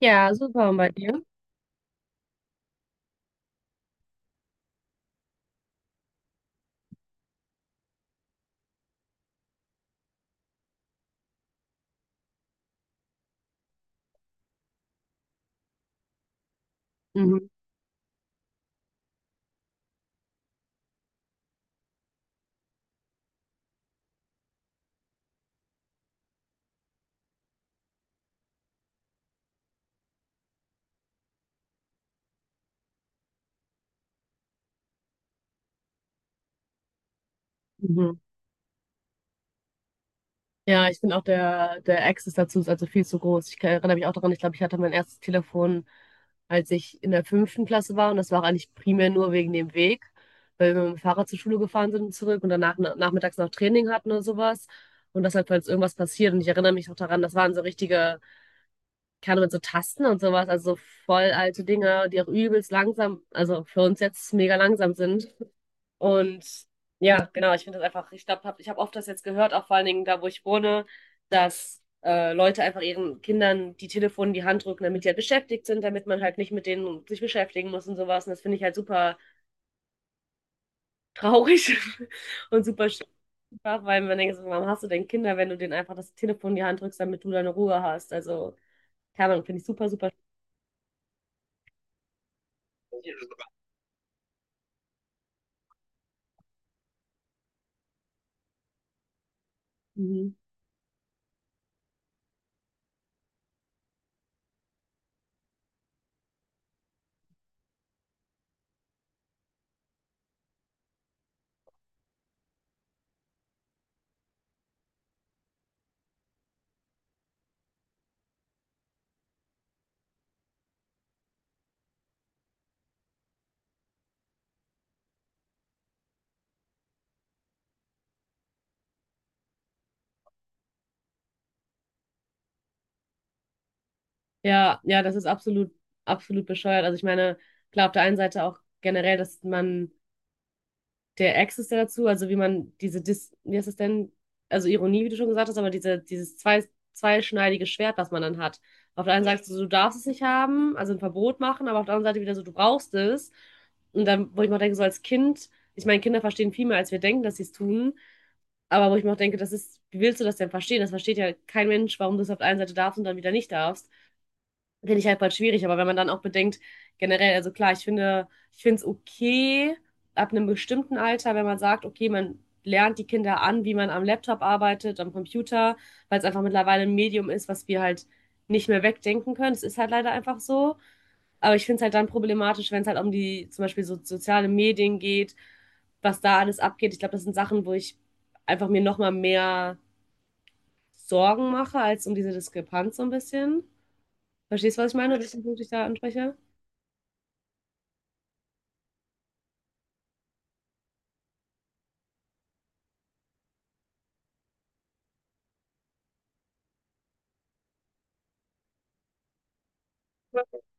Ja, super. Und bei dir? Mhm. Mhm. Ja, ich finde auch der Access dazu ist also viel zu groß. Erinnere mich auch daran, ich glaube, ich hatte mein erstes Telefon, als ich in der fünften Klasse war. Und das war auch eigentlich primär nur wegen dem Weg, weil wir mit dem Fahrrad zur Schule gefahren sind und zurück und danach nachmittags noch Training hatten oder sowas. Und das halt, falls irgendwas passiert. Und ich erinnere mich auch daran, das waren so richtige, keine Ahnung, mit so Tasten und sowas, also so voll alte Dinge, die auch übelst langsam, also für uns jetzt mega langsam sind. Und ja, genau, ich finde das einfach, ich glaube, ich habe oft das jetzt gehört, auch vor allen Dingen da, wo ich wohne, dass Leute einfach ihren Kindern die Telefone in die Hand drücken, damit die halt beschäftigt sind, damit man halt nicht mit denen sich beschäftigen muss und sowas. Und das finde ich halt super traurig und super schwach, weil man denkt, so, warum hast du denn Kinder, wenn du denen einfach das Telefon in die Hand drückst, damit du deine Ruhe hast? Also, keine Ahnung, finde ich super, super. Mhm. Ja, ja, das ist absolut, absolut bescheuert. Also ich meine, klar, auf der einen Seite auch generell, dass man der Access der dazu, also wie man wie heißt es denn, also Ironie, wie du schon gesagt hast, aber dieses zweischneidige Schwert, was man dann hat. Auf der einen Seite sagst du, du darfst es nicht haben, also ein Verbot machen, aber auf der anderen Seite wieder so, du brauchst es. Und dann, wo ich mir auch denke, so als Kind, ich meine, Kinder verstehen viel mehr, als wir denken, dass sie es tun, aber wo ich mir auch denke, das ist, wie willst du das denn verstehen? Das versteht ja kein Mensch, warum du es auf der einen Seite darfst und dann wieder nicht darfst. Finde ich halt voll schwierig, aber wenn man dann auch bedenkt, generell, also klar, ich finde es okay, ab einem bestimmten Alter, wenn man sagt, okay, man lernt die Kinder an, wie man am Laptop arbeitet, am Computer, weil es einfach mittlerweile ein Medium ist, was wir halt nicht mehr wegdenken können. Es ist halt leider einfach so. Aber ich finde es halt dann problematisch, wenn es halt um die zum Beispiel so soziale Medien geht, was da alles abgeht. Ich glaube, das sind Sachen, wo ich einfach mir nochmal mehr Sorgen mache, als um diese Diskrepanz so ein bisschen. Verstehst du, was ich meine? Welchen Punkt ich da anspreche?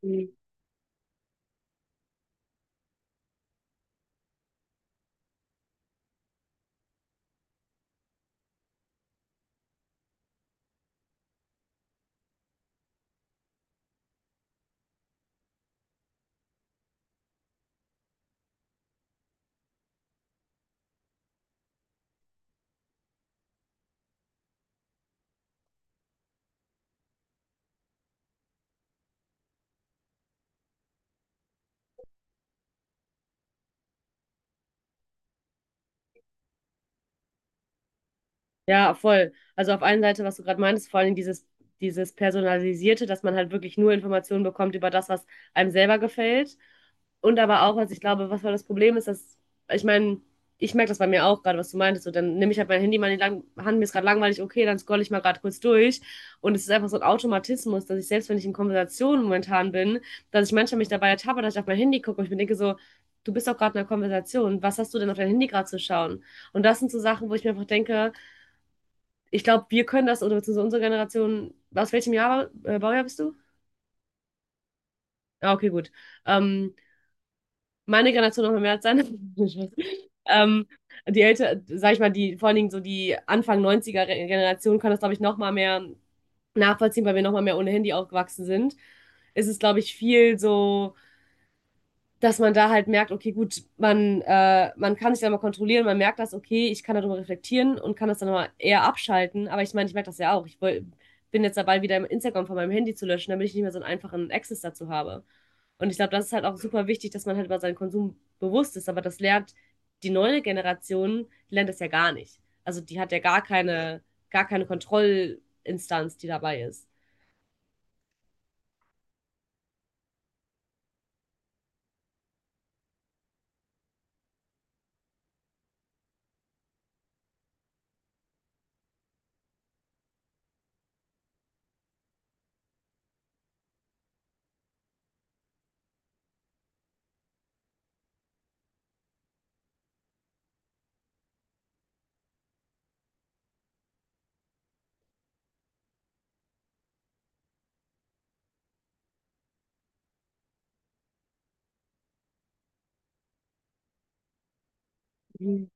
Mhm. Ja, voll. Also auf einer Seite, was du gerade meintest, vor allem dieses Personalisierte, dass man halt wirklich nur Informationen bekommt über das, was einem selber gefällt. Und aber auch, was ich glaube, was voll das Problem ist, dass, ich meine, ich merke das bei mir auch gerade, was du meintest. So, dann nehme ich halt mein Handy mal in die lang Hand, mir ist gerade langweilig, okay, dann scrolle ich mal gerade kurz durch. Und es ist einfach so ein Automatismus, dass ich selbst, wenn ich in Konversationen momentan bin, dass ich manchmal mich dabei ertappe, dass ich auf mein Handy gucke und ich mir denke so, du bist doch gerade in einer Konversation, was hast du denn auf dein Handy gerade zu schauen? Und das sind so Sachen, wo ich mir einfach denke, ich glaube, wir können das, oder beziehungsweise unsere Generation, aus welchem Jahr, Baujahr bist du? Ah, okay, gut. Ähm, meine Generation noch mal mehr als seine. ähm, die älter, sag ich mal, die, vor allen Dingen so die Anfang 90er Generation kann das, glaube ich, noch mal mehr nachvollziehen, weil wir noch mal mehr ohne Handy aufgewachsen sind. Es ist, glaube ich, viel so, dass man da halt merkt, okay, gut, man kann sich da mal kontrollieren, man merkt das, okay, ich kann darüber reflektieren und kann das dann mal eher abschalten. Aber ich meine, ich merke das ja auch. Bin jetzt dabei, wieder Instagram von meinem Handy zu löschen, damit ich nicht mehr so einen einfachen Access dazu habe. Und ich glaube, das ist halt auch super wichtig, dass man halt über seinen Konsum bewusst ist. Aber das lernt die neue Generation, die lernt das ja gar nicht. Also die hat ja gar keine Kontrollinstanz, die dabei ist. Mhm.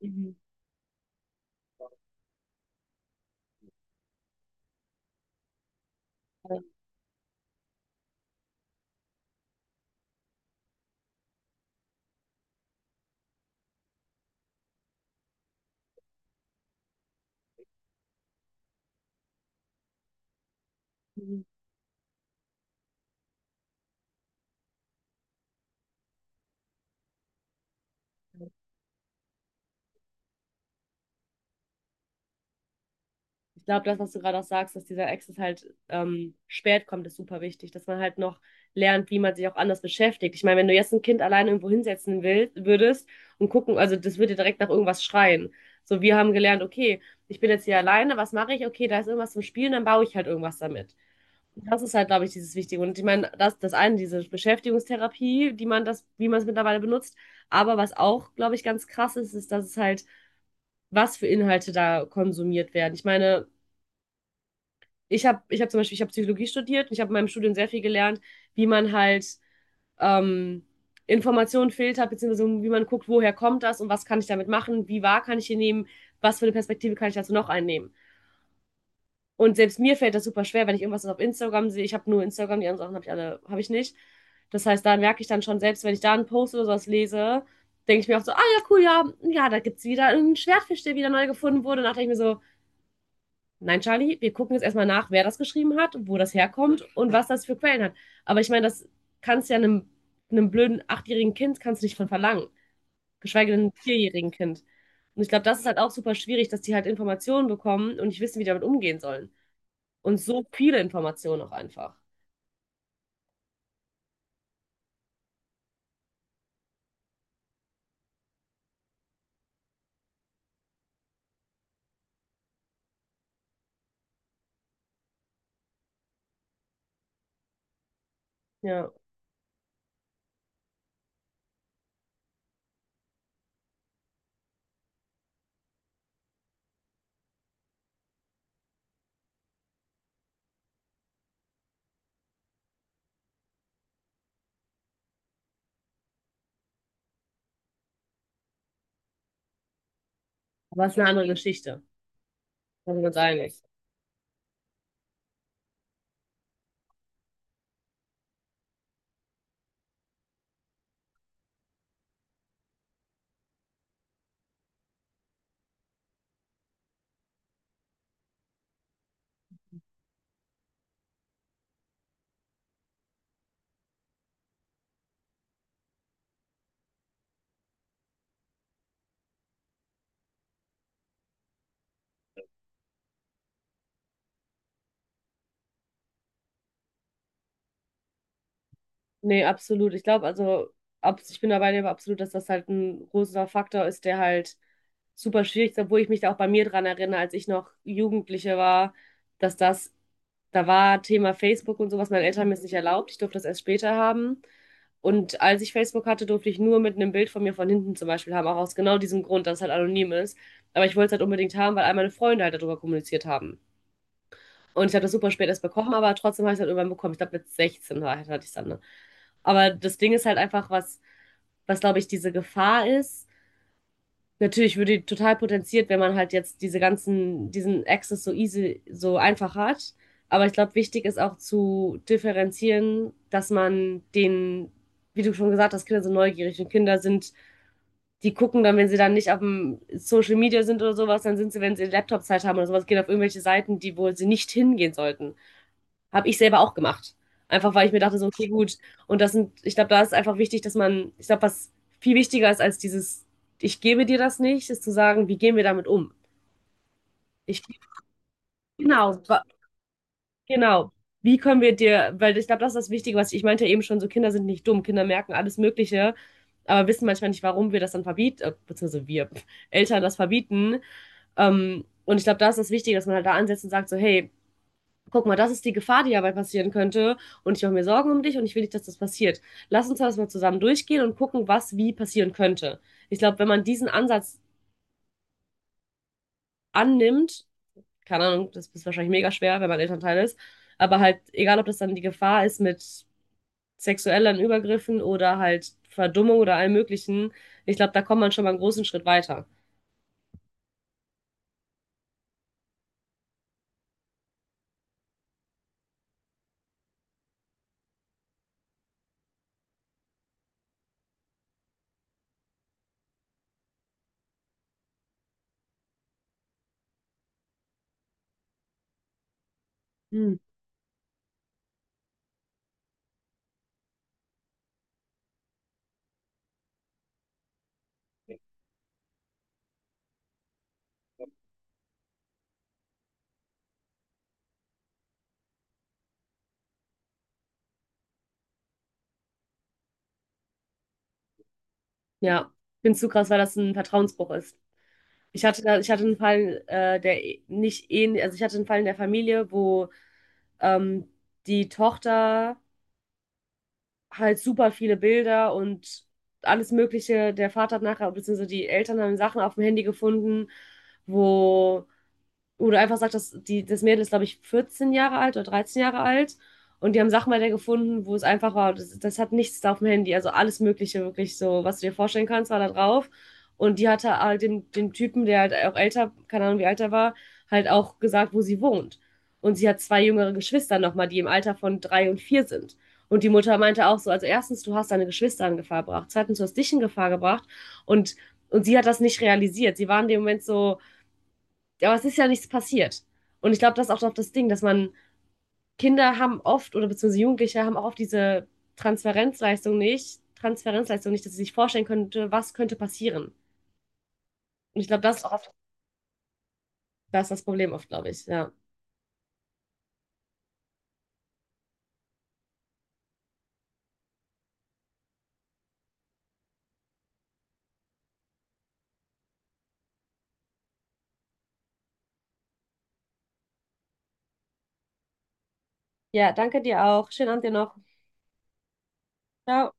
Mhm. Ja, ich glaube, das, was du gerade auch sagst, dass dieser Access halt spät kommt, ist super wichtig, dass man halt noch lernt, wie man sich auch anders beschäftigt. Ich meine, wenn du jetzt ein Kind alleine irgendwo hinsetzen will, würdest und gucken, also das würde direkt nach irgendwas schreien. So, wir haben gelernt, okay, ich bin jetzt hier alleine, was mache ich? Okay, da ist irgendwas zum Spielen, dann baue ich halt irgendwas damit. Das ist halt, glaube ich, dieses Wichtige. Und ich meine, das eine, diese Beschäftigungstherapie, die man das, wie man es mittlerweile benutzt. Aber was auch, glaube ich, ganz krass ist, ist, dass es halt, was für Inhalte da konsumiert werden. Ich meine, ich hab zum Beispiel, ich habe Psychologie studiert und ich habe in meinem Studium sehr viel gelernt, wie man halt ähm, Informationen filtert, beziehungsweise wie man guckt, woher kommt das und was kann ich damit machen, wie wahr kann ich hier nehmen, was für eine Perspektive kann ich dazu noch einnehmen. Und selbst mir fällt das super schwer, wenn ich irgendwas auf Instagram sehe. Ich habe nur Instagram, die anderen Sachen habe ich nicht. Das heißt, da merke ich dann schon, selbst wenn ich da einen Post oder sowas lese, denke ich mir auch so, ah ja, cool, ja, ja, da gibt es wieder einen Schwertfisch, der wieder neu gefunden wurde. Und dann dachte ich mir so, nein, Charlie, wir gucken jetzt erstmal nach, wer das geschrieben hat, wo das herkommt und was das für Quellen hat. Aber ich meine, das kannst ja einem, einem blöden achtjährigen Kind kannst du nicht von verlangen, geschweige denn einem vierjährigen Kind. Und ich glaube, das ist halt auch super schwierig, dass die halt Informationen bekommen und nicht wissen, wie die damit umgehen sollen. Und so viele Informationen auch einfach. Ja, aber es ist eine andere Geschichte. Da sind wir uns einig. Nee, absolut. Ich glaube, also, ab, ich bin dabei, aber absolut, dass das halt ein großer Faktor ist, der halt super schwierig, obwohl ich mich da auch bei mir dran erinnere, als ich noch Jugendliche war, dass das, da war Thema Facebook und sowas, meine Eltern haben mir es nicht erlaubt, ich durfte das erst später haben. Und als ich Facebook hatte, durfte ich nur mit einem Bild von mir von hinten zum Beispiel haben, auch aus genau diesem Grund, dass es halt anonym ist. Aber ich wollte es halt unbedingt haben, weil all meine Freunde halt darüber kommuniziert haben. Und ich habe das super spät erst bekommen, aber trotzdem habe ich es halt irgendwann bekommen. Ich glaube, mit 16 hatte ich es dann, ne? Aber das Ding ist halt einfach, was, glaube ich, diese Gefahr ist. Natürlich würde die total potenziert, wenn man halt jetzt diesen Access so easy, so einfach hat. Aber ich glaube, wichtig ist auch zu differenzieren, dass man den, wie du schon gesagt hast, Kinder sind neugierig und Kinder sind, die gucken dann, wenn sie dann nicht auf dem Social Media sind oder sowas, dann sind sie, wenn sie Laptop-Zeit haben oder sowas, gehen auf irgendwelche Seiten, die, wo sie nicht hingehen sollten, habe ich selber auch gemacht. Einfach weil ich mir dachte, so, okay, gut. Und das sind, ich glaube, da ist einfach wichtig, dass man, ich glaube, was viel wichtiger ist als dieses, ich gebe dir das nicht, ist zu sagen, wie gehen wir damit um? Ich, genau, wa- genau. Wie können wir dir, weil ich glaube, das ist das Wichtige, ich meinte ja eben schon, so Kinder sind nicht dumm, Kinder merken alles Mögliche, aber wissen manchmal nicht, warum wir das dann verbieten, beziehungsweise wir Eltern das verbieten. Und ich glaube, da ist das Wichtige, dass man halt da ansetzt und sagt, so, hey, guck mal, das ist die Gefahr, die dabei passieren könnte, und ich mache mir Sorgen um dich und ich will nicht, dass das passiert. Lass uns das mal zusammen durchgehen und gucken, was wie passieren könnte. Ich glaube, wenn man diesen Ansatz annimmt, keine Ahnung, das ist wahrscheinlich mega schwer, wenn man Elternteil ist, aber halt, egal ob das dann die Gefahr ist mit sexuellen Übergriffen oder halt Verdummung oder allem Möglichen, ich glaube, da kommt man schon mal einen großen Schritt weiter. Hm. Ja, ich finde es zu krass, weil das ein Vertrauensbruch ist. Ich hatte einen Fall, nicht ähnlich, also ich hatte einen Fall in der Familie, wo ähm, die Tochter halt super viele Bilder und alles Mögliche, der Vater hat nachher, beziehungsweise die Eltern haben Sachen auf dem Handy gefunden, wo wo einfach sagt dass die, das Mädel ist, glaube ich, 14 Jahre alt oder 13 Jahre alt. Und die haben Sachmelder gefunden, wo es einfach war, das hat nichts da auf dem Handy, also alles Mögliche wirklich so, was du dir vorstellen kannst, war da drauf. Und die hatte halt dem Typen, der halt auch älter, keine Ahnung wie alt er war, halt auch gesagt, wo sie wohnt. Und sie hat zwei jüngere Geschwister nochmal, die im Alter von drei und vier sind. Und die Mutter meinte auch so, also erstens, du hast deine Geschwister in Gefahr gebracht, zweitens, du hast dich in Gefahr gebracht. Und, und sie hat das nicht realisiert. Sie war in dem Moment so, aber es ist ja nichts passiert. Und ich glaube, das ist auch doch das Ding, dass man Kinder haben oft oder beziehungsweise Jugendliche haben auch oft diese Transferenzleistung nicht, dass sie sich vorstellen könnte, was könnte passieren. Und ich glaube, das ist auch oft, ist das Problem oft, glaube ich. Ja. Ja, danke dir auch. Schönen Abend dir noch. Ciao.